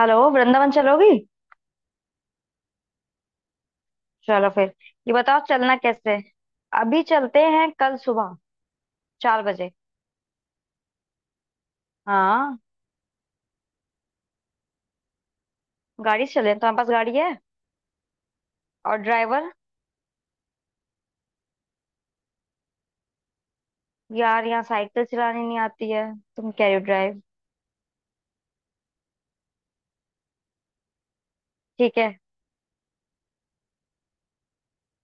Hello Vrindavan चलोगी। चलो फिर। ये बताओ चलना कैसे है? अभी चलते हैं कल सुबह। 4 बजे। हाँ। गाड़ी से चले तुम्हारे पास गाड़ी है। और ड्राइवर। यार यहाँ साइकिल चलानी नहीं आती है। तुम कह रहे हो ड्राइव। ठीक है।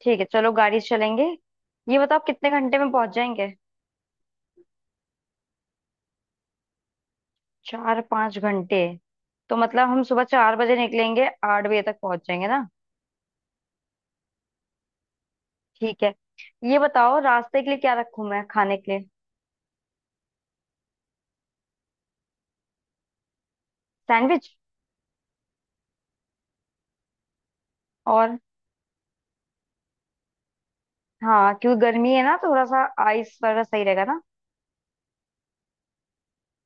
ठीक है चलो गाड़ी से चलेंगे। ये बताओ कितने घंटे में पहुंच जाएंगे। 4-5 घंटे। तो मतलब हम सुबह 4 बजे निकलेंगे 8 बजे तक पहुंच जाएंगे ना। ठीक है। ये बताओ रास्ते के लिए क्या रखूं मैं खाने के लिए। सैंडविच। और। हाँ क्योंकि गर्मी है ना थोड़ा सा आइस वगैरह सही रहेगा ना।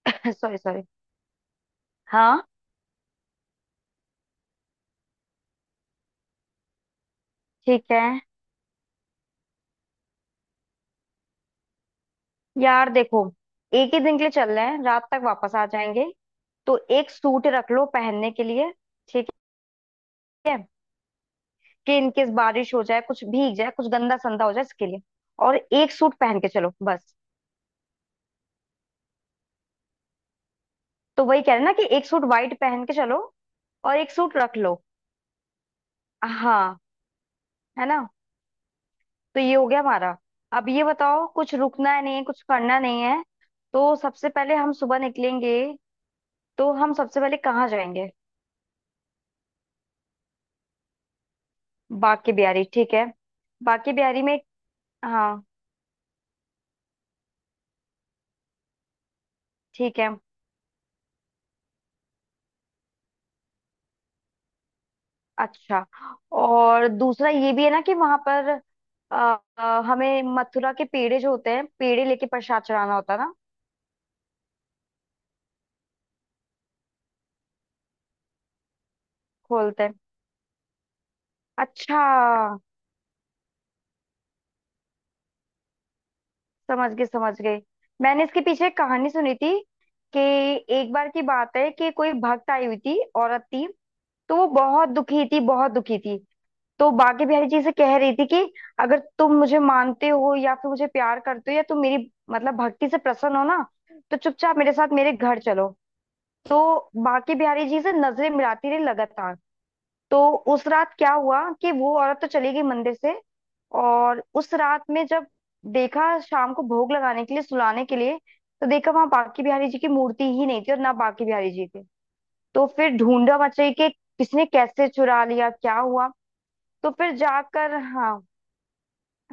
Sorry sorry. हाँ। ठीक है। यार देखो एक ही दिन के लिए चल रहे हैं रात तक वापस आ जाएंगे। तो एक सूट रख लो पहनने के लिए। ठीक है। कि इनकेस बारिश हो जाए कुछ भीग जाए कुछ गंदा संदा हो जाए इसके लिए। और एक सूट पहन के चलो बस। तो वही कह रहे हैं ना कि एक सूट वाइट पहन के चलो। और एक सूट रख लो। हाँ है ना। तो ये हो गया हमारा। अब ये बताओ कुछ रुकना है नहीं है कुछ करना नहीं है। तो सबसे पहले हम सुबह निकलेंगे। तो हम सबसे पहले कहाँ जाएंगे। बाके बिहारी ठीक है। बाके बिहारी में। हाँ। ठीक है। अच्छा। और दूसरा ये भी है ना कि वहां पर अ, हमें मथुरा के पेड़े जो होते हैं पेड़े लेके प्रसाद चढ़ाना होता है ना। खोलते हैं। अच्छा। समझ गए समझ गए। मैंने इसके पीछे एक कहानी सुनी थी कि एक बार की बात है कि कोई भक्त आई हुई थी औरत थी। तो वो बहुत दुखी थी बहुत दुखी थी। तो बाकी बिहारी जी से कह रही थी कि अगर तुम मुझे मानते हो या फिर मुझे प्यार करते हो या तुम मेरी मतलब भक्ति से प्रसन्न हो ना तो चुपचाप मेरे साथ मेरे घर चलो। तो बाकी बिहारी जी से नजरें मिलाती रही लगातार। तो उस रात क्या हुआ कि वो औरत तो चली गई मंदिर से। और उस रात में जब देखा शाम को भोग लगाने के लिए सुलाने के लिए तो देखा वहां बाकी बिहारी जी की मूर्ति ही नहीं थी और ना बाकी बिहारी जी थे। तो फिर ढूंढा मचाई कि किसने कैसे चुरा लिया क्या हुआ। तो फिर जाकर हाँ।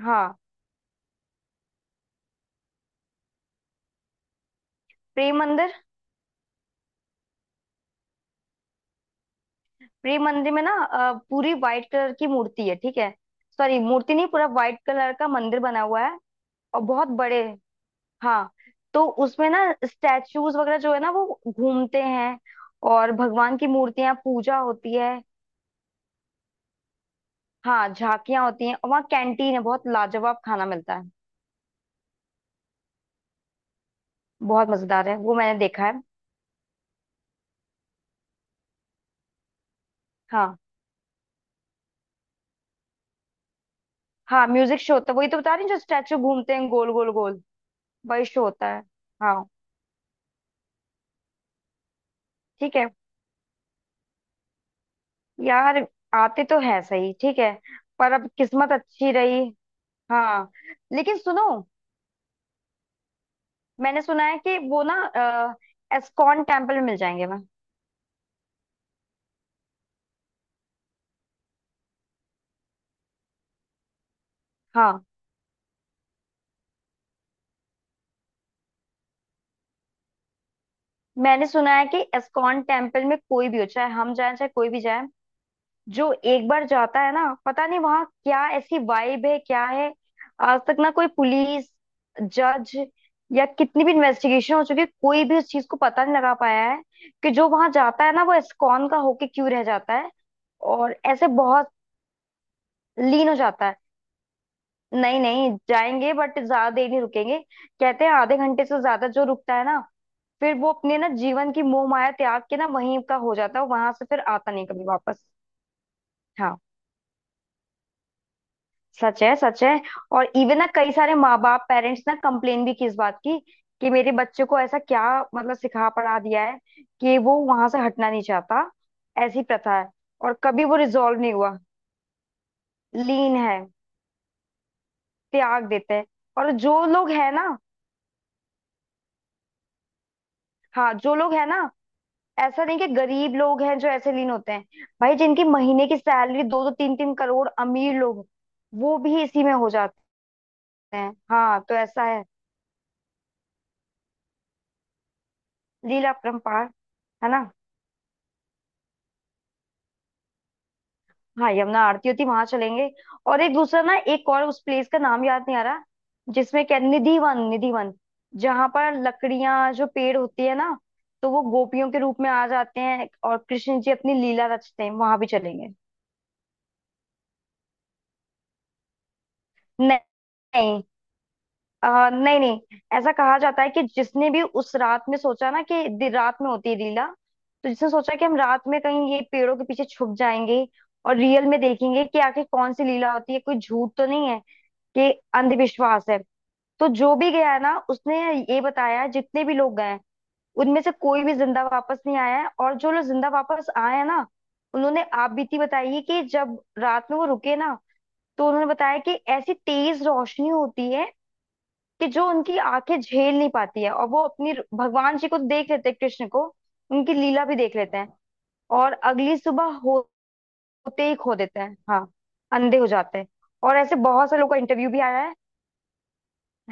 हाँ। प्रेम मंदिर। प्रेम मंदिर में ना पूरी व्हाइट कलर की मूर्ति है ठीक है। सॉरी मूर्ति नहीं पूरा व्हाइट कलर का मंदिर बना हुआ है। और बहुत बड़े। हाँ। तो उसमें ना स्टैचूज वगैरह जो है ना वो घूमते हैं। और भगवान की मूर्तियां पूजा होती है। हाँ झांकियां होती हैं और वहाँ कैंटीन है बहुत लाजवाब खाना मिलता है। बहुत मजेदार है वो मैंने देखा है। हाँ। हाँ म्यूजिक शो होता है वही तो बता रही हूँ, जो स्टैचू घूमते हैं गोल गोल गोल। वही शो होता है। हाँ। ठीक है। यार आते तो है सही ठीक है। पर अब किस्मत अच्छी रही। हाँ। लेकिन सुनो मैंने सुना है कि वो ना एस्कॉन टेम्पल में मिल जाएंगे मैं। हाँ। मैंने सुना है कि एस्कॉन टेम्पल में कोई भी हो चाहे हम जाए चाहे कोई भी जाए जो एक बार जाता है ना पता नहीं वहां क्या ऐसी वाइब है क्या है। आज तक ना कोई पुलिस जज या कितनी भी इन्वेस्टिगेशन हो चुकी है कोई भी उस चीज को पता नहीं लगा पाया है कि जो वहां जाता है ना वो इस्कॉन का होके क्यों रह जाता है। और ऐसे बहुत। लीन हो जाता है। नहीं नहीं जाएंगे बट ज्यादा देर नहीं रुकेंगे। कहते हैं आधे घंटे से ज्यादा जो रुकता है ना फिर वो अपने ना जीवन की मोह माया त्याग के ना वहीं का हो जाता है वहां से फिर आता नहीं कभी वापस। हाँ। सच है सच है। और इवन ना कई सारे माँ बाप पेरेंट्स ना कंप्लेन भी की इस बात की कि मेरे बच्चे को ऐसा क्या मतलब सिखा पढ़ा दिया है कि वो वहां से हटना नहीं चाहता। ऐसी प्रथा है और कभी वो रिजॉल्व नहीं हुआ। लीन है। त्याग देते हैं। और जो लोग है ना। हाँ जो लोग है ना ऐसा नहीं कि गरीब लोग हैं जो ऐसे लीन होते हैं। भाई जिनकी महीने की सैलरी दो दो तीन तीन करोड़ अमीर लोग वो भी इसी में हो जाते हैं हाँ तो ऐसा है। लीला परंपार है। हाँ यमुना आरती होती वहां चलेंगे। और एक दूसरा ना एक और उस प्लेस का नाम याद नहीं आ रहा जिसमें क्या निधि वन जहां पर लकड़ियां जो पेड़ होती है ना तो वो गोपियों के रूप में आ जाते हैं और कृष्ण जी अपनी लीला रचते हैं वहां भी चलेंगे। नहीं नहीं। नहीं नहीं ऐसा कहा जाता है कि जिसने भी उस रात में सोचा ना कि रात में होती है लीला। तो जिसने सोचा कि हम रात में कहीं ये पेड़ों के पीछे छुप जाएंगे और रियल में देखेंगे कि आखिर कौन सी लीला होती है कोई झूठ तो नहीं है कि अंधविश्वास है। तो जो भी गया है ना उसने ये बताया है, जितने भी लोग गए हैं उनमें से कोई भी जिंदा वापस नहीं आया है। और जो लोग जिंदा वापस आए हैं ना उन्होंने आपबीती बताई है कि जब रात में वो रुके ना तो उन्होंने बताया कि ऐसी तेज रोशनी होती है कि जो उनकी आंखें झेल नहीं पाती है और वो अपनी भगवान जी को देख लेते हैं कृष्ण को। उनकी लीला भी देख लेते हैं। और अगली सुबह होते ही खो देते हैं हाँ। अंधे हो जाते हैं। और ऐसे बहुत से लोगों का इंटरव्यू भी आया है।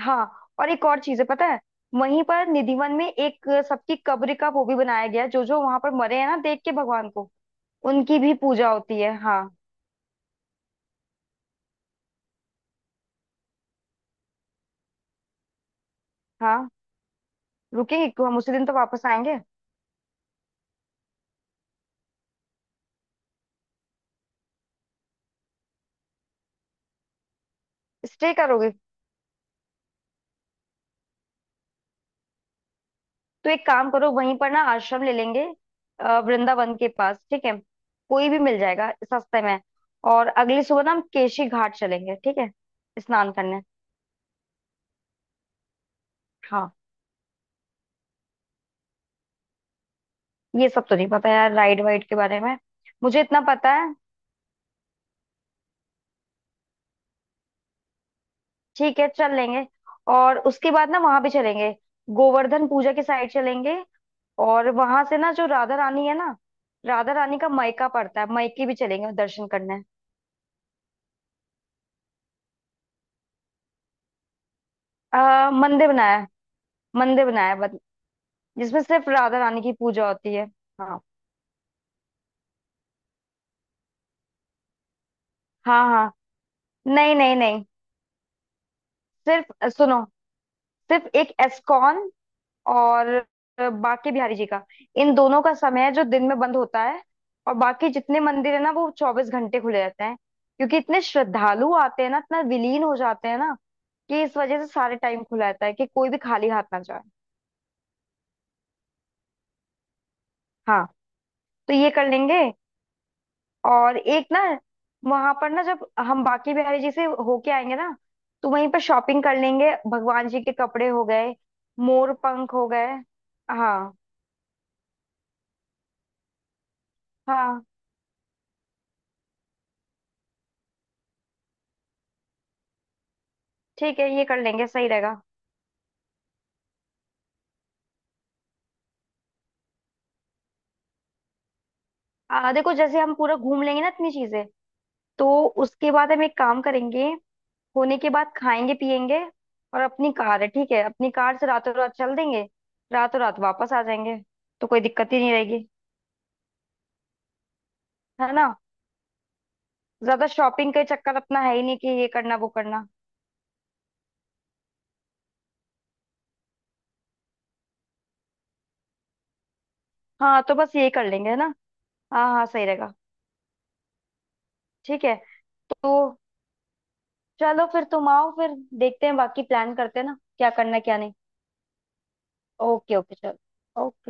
हाँ। और एक और चीज है पता है वहीं पर निधिवन में एक सबकी कब्र का वो भी बनाया गया है, जो जो वहां पर मरे हैं ना देख के भगवान को उनकी भी पूजा होती है। हाँ हाँ। रुकेंगे क्यों हम उसी दिन तो वापस आएंगे। स्टे करोगे। तो एक काम करो वहीं पर ना आश्रम ले लेंगे वृंदावन के पास ठीक है। कोई भी मिल जाएगा सस्ते में। और अगली सुबह ना हम केशी घाट चलेंगे ठीक है। स्नान करने। हाँ। ये सब तो नहीं पता यार राइड वाइड के बारे में। मुझे इतना पता है। ठीक है चल लेंगे। और उसके बाद ना वहां पे चलेंगे गोवर्धन पूजा के साइड चलेंगे। और वहां से ना जो राधा रानी है ना राधा रानी का मयका पड़ता है मयके भी चलेंगे दर्शन करने। मंदिर बनाया है। मंदिर बनाया है जिसमें सिर्फ राधा रानी की पूजा होती है। हाँ हाँ हाँ। नहीं नहीं नहीं। सिर्फ सुनो सिर्फ एक एस्कॉन और बांके बिहारी जी का इन दोनों का समय है जो दिन में बंद होता है। और बाकी जितने मंदिर है ना वो 24 घंटे खुले रहते हैं क्योंकि इतने श्रद्धालु आते हैं ना इतना विलीन हो जाते हैं ना कि इस वजह से सारे टाइम खुला रहता है कि कोई भी खाली हाथ ना जाए। हाँ। तो ये कर लेंगे। और एक ना वहां पर ना जब हम बांके बिहारी जी से होके आएंगे ना तो वहीं पर शॉपिंग कर लेंगे भगवान जी के कपड़े हो गए मोर पंख हो गए। हाँ। हाँ। ठीक है ये कर लेंगे सही रहेगा। देखो जैसे हम पूरा घूम लेंगे ना इतनी चीजें तो उसके बाद हम एक काम करेंगे होने के बाद खाएंगे पिएंगे। और अपनी कार है ठीक है अपनी कार से रातों रात चल देंगे रातों रात वापस आ जाएंगे। तो कोई दिक्कत ही नहीं रहेगी है ना। ज्यादा शॉपिंग का चक्कर अपना है ही नहीं कि ये करना वो करना। हाँ तो बस ये कर लेंगे है ना। हाँ हाँ सही रहेगा। ठीक है। तो चलो फिर तुम आओ फिर देखते हैं बाकी प्लान करते हैं ना क्या करना क्या नहीं। ओके ओके चलो ओके।